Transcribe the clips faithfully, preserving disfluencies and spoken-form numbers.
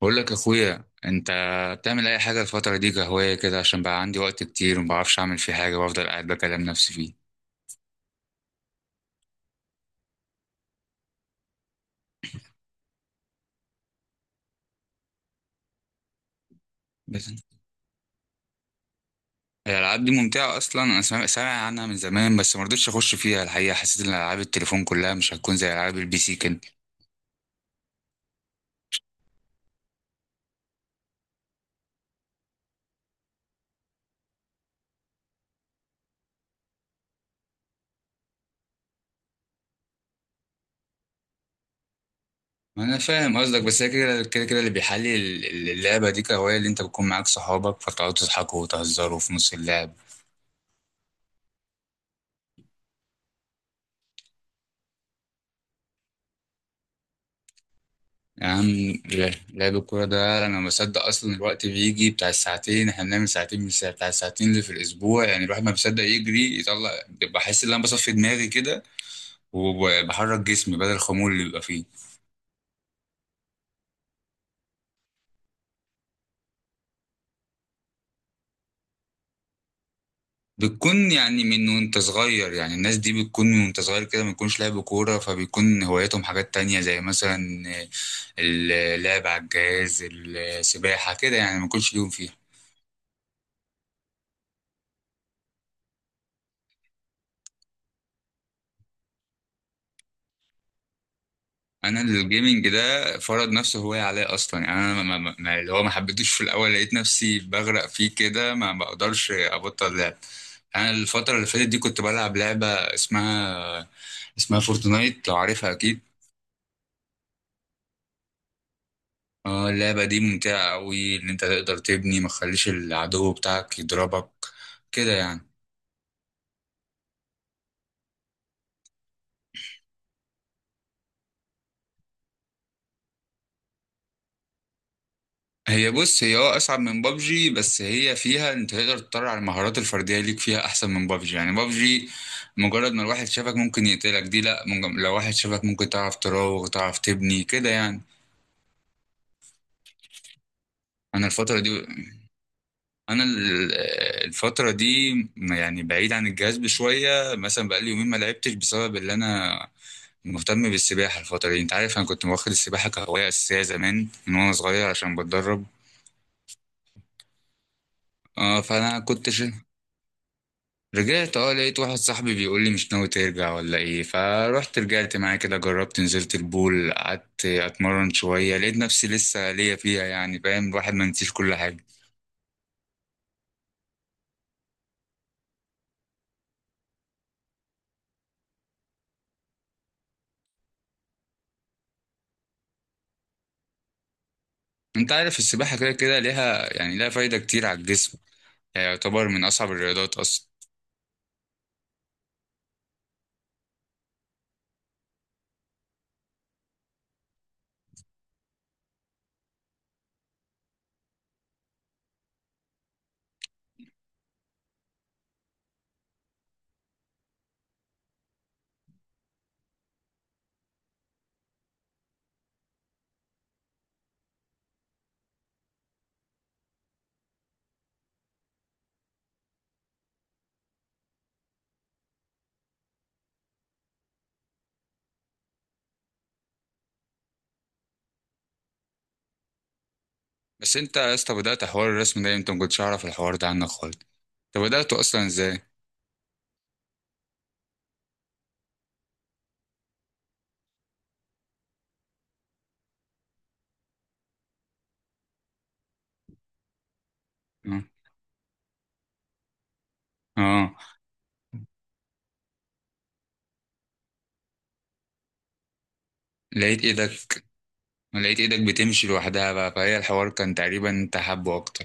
بقول لك اخويا، انت بتعمل اي حاجه الفتره دي كهوايه كده؟ عشان بقى عندي وقت كتير وما بعرفش اعمل فيه حاجه وافضل قاعد بكلم نفسي فيه. بس هي الالعاب دي ممتعه اصلا؟ انا سامع سامع عنها من زمان بس ما رضيتش اخش فيها. الحقيقه حسيت ان العاب التليفون كلها مش هتكون زي العاب البي سي كده. ما انا فاهم قصدك، بس هي كده كده كده اللي بيحلي ال- ال- اللعبه دي كهوايه، اللي انت بتكون معاك صحابك فتقعدوا تضحكوا وتهزروا في نص اللعب. يا عم، لا- لعب الكورة ده أنا ما بصدق أصلا. الوقت بيجي بتاع الساعتين، إحنا بنعمل ساعتين من الساعة بتاع الساعتين اللي في الأسبوع، يعني الواحد ما بيصدق يجري يطلع. بحس إن أنا بصفي دماغي كده وبحرك جسمي بدل الخمول اللي بيبقى فيه. بتكون يعني من وأنت صغير، يعني الناس دي بتكون من وأنت صغير كده ما بيكونش لعب كورة، فبيكون هواياتهم حاجات تانية زي مثلا اللعب على الجهاز، السباحة كده، يعني ما بيكونش ليهم فيها. انا الجيمنج ده فرض نفسه هواية عليا اصلا. يعني انا ما ما ما- اللي هو ما حبيتوش في الاول، لقيت نفسي بغرق فيه كده ما بقدرش ابطل لعب. انا الفترة اللي فاتت دي كنت بلعب لعبة اسمها اسمها فورتنايت، لو عارفها اكيد. اه، اللعبة دي ممتعة قوي ان انت تقدر تبني ما تخليش العدو بتاعك يضربك، كده يعني. هي بص، هي اه اصعب من بابجي، بس هي فيها انت تقدر تطلع على المهارات الفرديه ليك فيها احسن من بابجي. يعني بابجي مجرد ما الواحد شافك ممكن يقتلك، دي لا مج- لو واحد شافك ممكن تعرف تراوغ تعرف تبني كده يعني. انا الفتره دي انا ال- الفتره دي يعني بعيد عن الجهاز شويه، مثلا بقالي يومين ما لعبتش بسبب اللي انا مهتم بالسباحه الفتره دي. انت عارف انا كنت واخد السباحه كهوايه اساسيه زمان من وانا صغير عشان بتدرب. اه، فانا كنت ش... رجعت، اه لقيت واحد صاحبي بيقول لي مش ناوي ترجع ولا ايه؟ فروحت رجعت معاه كده، جربت نزلت البول قعدت اتمرن شوية، لقيت نفسي لسه ليا فيها يعني، فاهم، الواحد ما نسيش كل حاجة. انت عارف السباحة كده كده ليها، يعني ليها فايدة كتير على الجسم. يعني يعتبر من اصعب الرياضات اصلا. بس انت يا اسطى بدأت حوار الرسم ده امتى؟ ما كنتش اعرف الحوار ده عنك خالص. انت بدأته اصلا ازاي؟ اه. آه. لقيت ايدك لقيت ايدك بتمشي لوحدها بقى، فهي الحوار كان تقريبا انت حابه اكتر.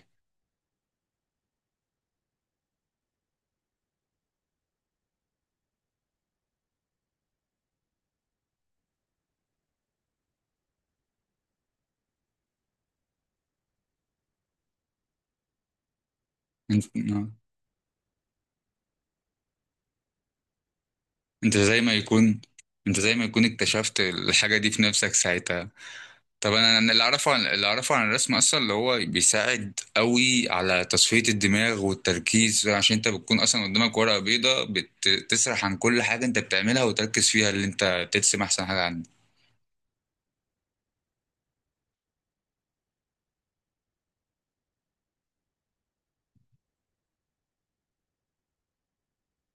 انت، آه. انت زي ما يكون انت زي ما يكون اكتشفت الحاجة دي في نفسك ساعتها. طب انا انا اللي اعرفه عن اللي اعرفه عن الرسم اصلا، اللي هو بيساعد قوي على تصفية الدماغ والتركيز، عشان انت بتكون اصلا قدامك ورقة بيضاء. بتسرح عن كل حاجة انت بتعملها وتركز فيها اللي انت ترسم احسن حاجة عندك.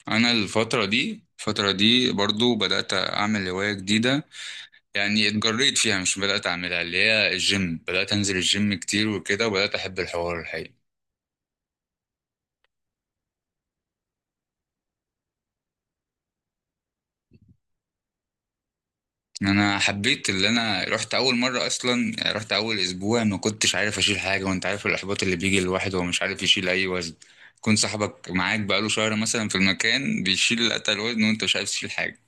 انا الفترة دي الفترة دي برضو بدأت اعمل هواية جديدة، يعني اتجريت فيها مش بدأت اعملها، اللي هي الجيم. بدأت انزل الجيم كتير وكده، وبدأت احب الحوار الحقيقي. انا حبيت، اللي انا رحت اول مره اصلا، يعني رحت اول اسبوع ما كنتش عارف اشيل حاجه، وانت عارف الاحباط اللي بيجي للواحد وهو مش عارف يشيل اي وزن. يكون صاحبك معاك بقاله شهر مثلا في المكان بيشيل اتقل وزن وانت مش عارف تشيل حاجه.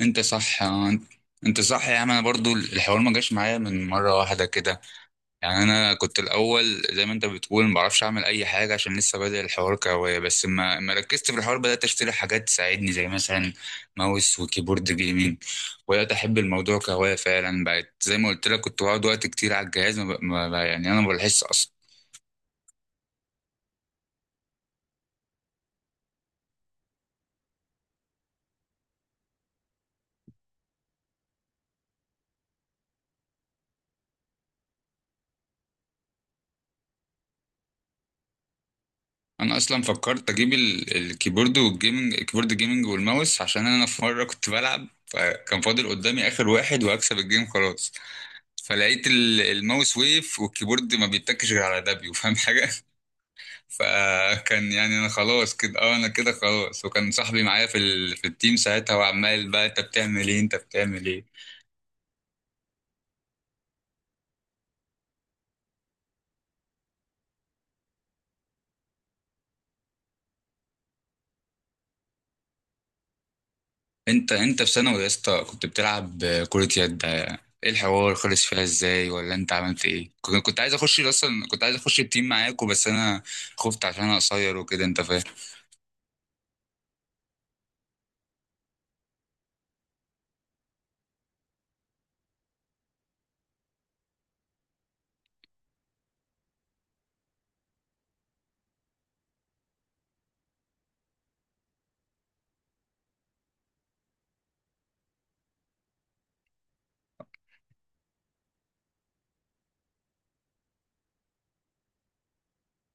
انت صح اه، انت صح يا عم. انا برضو الحوار ما جاش معايا من مره واحده كده، يعني انا كنت الاول زي ما انت بتقول ما بعرفش اعمل اي حاجه عشان لسه بادئ الحوار كهوايه، بس ما ما ركزت في الحوار بدات اشتري حاجات تساعدني زي مثلا ماوس وكيبورد جيمنج، وبدات احب الموضوع كهوايه فعلا. بقت زي ما قلت لك كنت بقعد وقت كتير على الجهاز، ما ب... ما ب... يعني انا ما بحس اصلا. انا اصلا فكرت اجيب ال... الكيبورد والجيمنج، الكيبورد جيمنج والماوس، عشان انا في مره كنت بلعب فكان فاضل قدامي اخر واحد وهكسب الجيم خلاص، فلقيت ال- الماوس ويف والكيبورد ما بيتكش غير على دبليو. فاهم حاجه؟ فكان يعني انا خلاص كده، اه انا كده خلاص، وكان صاحبي معايا في ال... في التيم ساعتها، وعمال بقى: انت بتعمل ايه؟ انت بتعمل ايه؟ انت انت في ثانوي يا اسطى كنت بتلعب كرة يد، ايه الحوار خلص فيها ازاي ولا انت عملت ايه؟ كنت كنت عايز اخش اصلا، كنت عايز اخش التيم معاكوا بس انا خفت عشان انا قصير وكده، انت فاهم.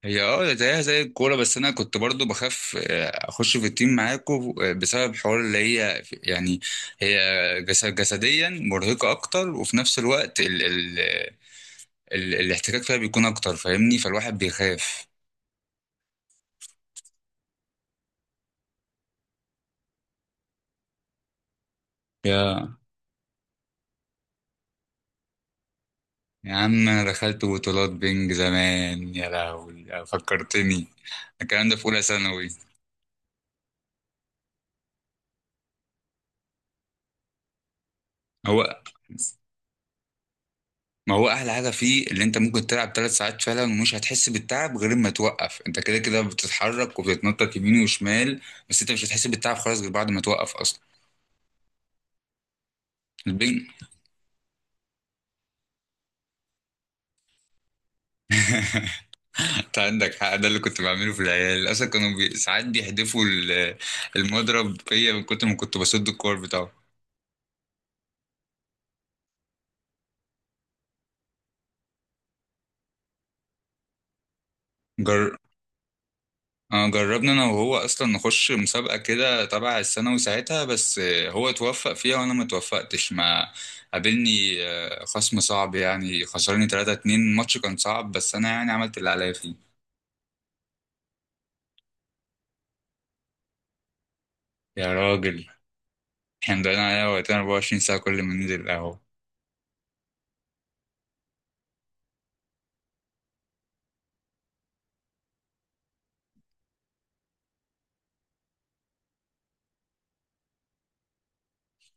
هي اه زيها زي الكورة، بس أنا كنت برضو بخاف آه، أخش في التيم معاكم بسبب حوار اللي هي في- يعني هي جس- جسديا مرهقة أكتر، وفي نفس الوقت ال ال ال الاحتكاك فيها بيكون أكتر، فاهمني، فالواحد بيخاف. يا يا عم، أنا دخلت بطولات بينج زمان، يا لهوي فكرتني، الكلام ده في أولى ثانوي. هو ما هو احلى حاجه فيه اللي انت ممكن تلعب ثلاث ساعات فعلا ومش هتحس بالتعب غير ما توقف، انت كده كده بتتحرك وبتتنطط يمين وشمال، بس انت مش هتحس بالتعب خالص غير بعد ما توقف اصلا. البنج. انت عندك حق، ده اللي كنت بعمله في العيال اصلا. كانوا بي... ساعات بيحدفوا ال- المضرب فيا من كتر ما كنت بسد الكور بتاعه. آه، جربنا انا وهو اصلا نخش مسابقه كده تبع الثانوي ساعتها، بس آه، هو توفق فيها وانا ما توفقتش، ما قابلني آه، خصم صعب، يعني خسرني ثلاثه اتنين، الماتش كان صعب بس انا يعني عملت اللي عليا فيه. يا راجل، احنا مضيعين عليها وقتنا اربعه وعشرين ساعه كل ما ننزل القهوه.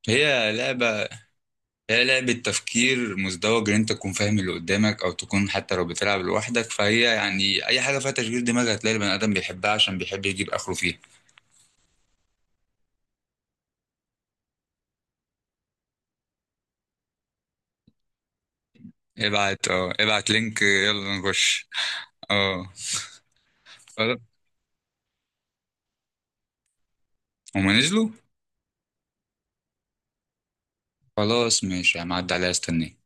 هي لعبه هي لعبه تفكير مزدوج، ان انت تكون فاهم اللي قدامك او تكون حتى لو بتلعب لوحدك، فهي يعني اي حاجه فيها تشغيل دماغ هتلاقي البني ادم بيحبها عشان بيحب يجيب اخره فيها. ابعت اه ابعت لينك، يلا نخش. اه، خلاص. هما نزلوا. خلاص ماشي، هعدي عليها، استني.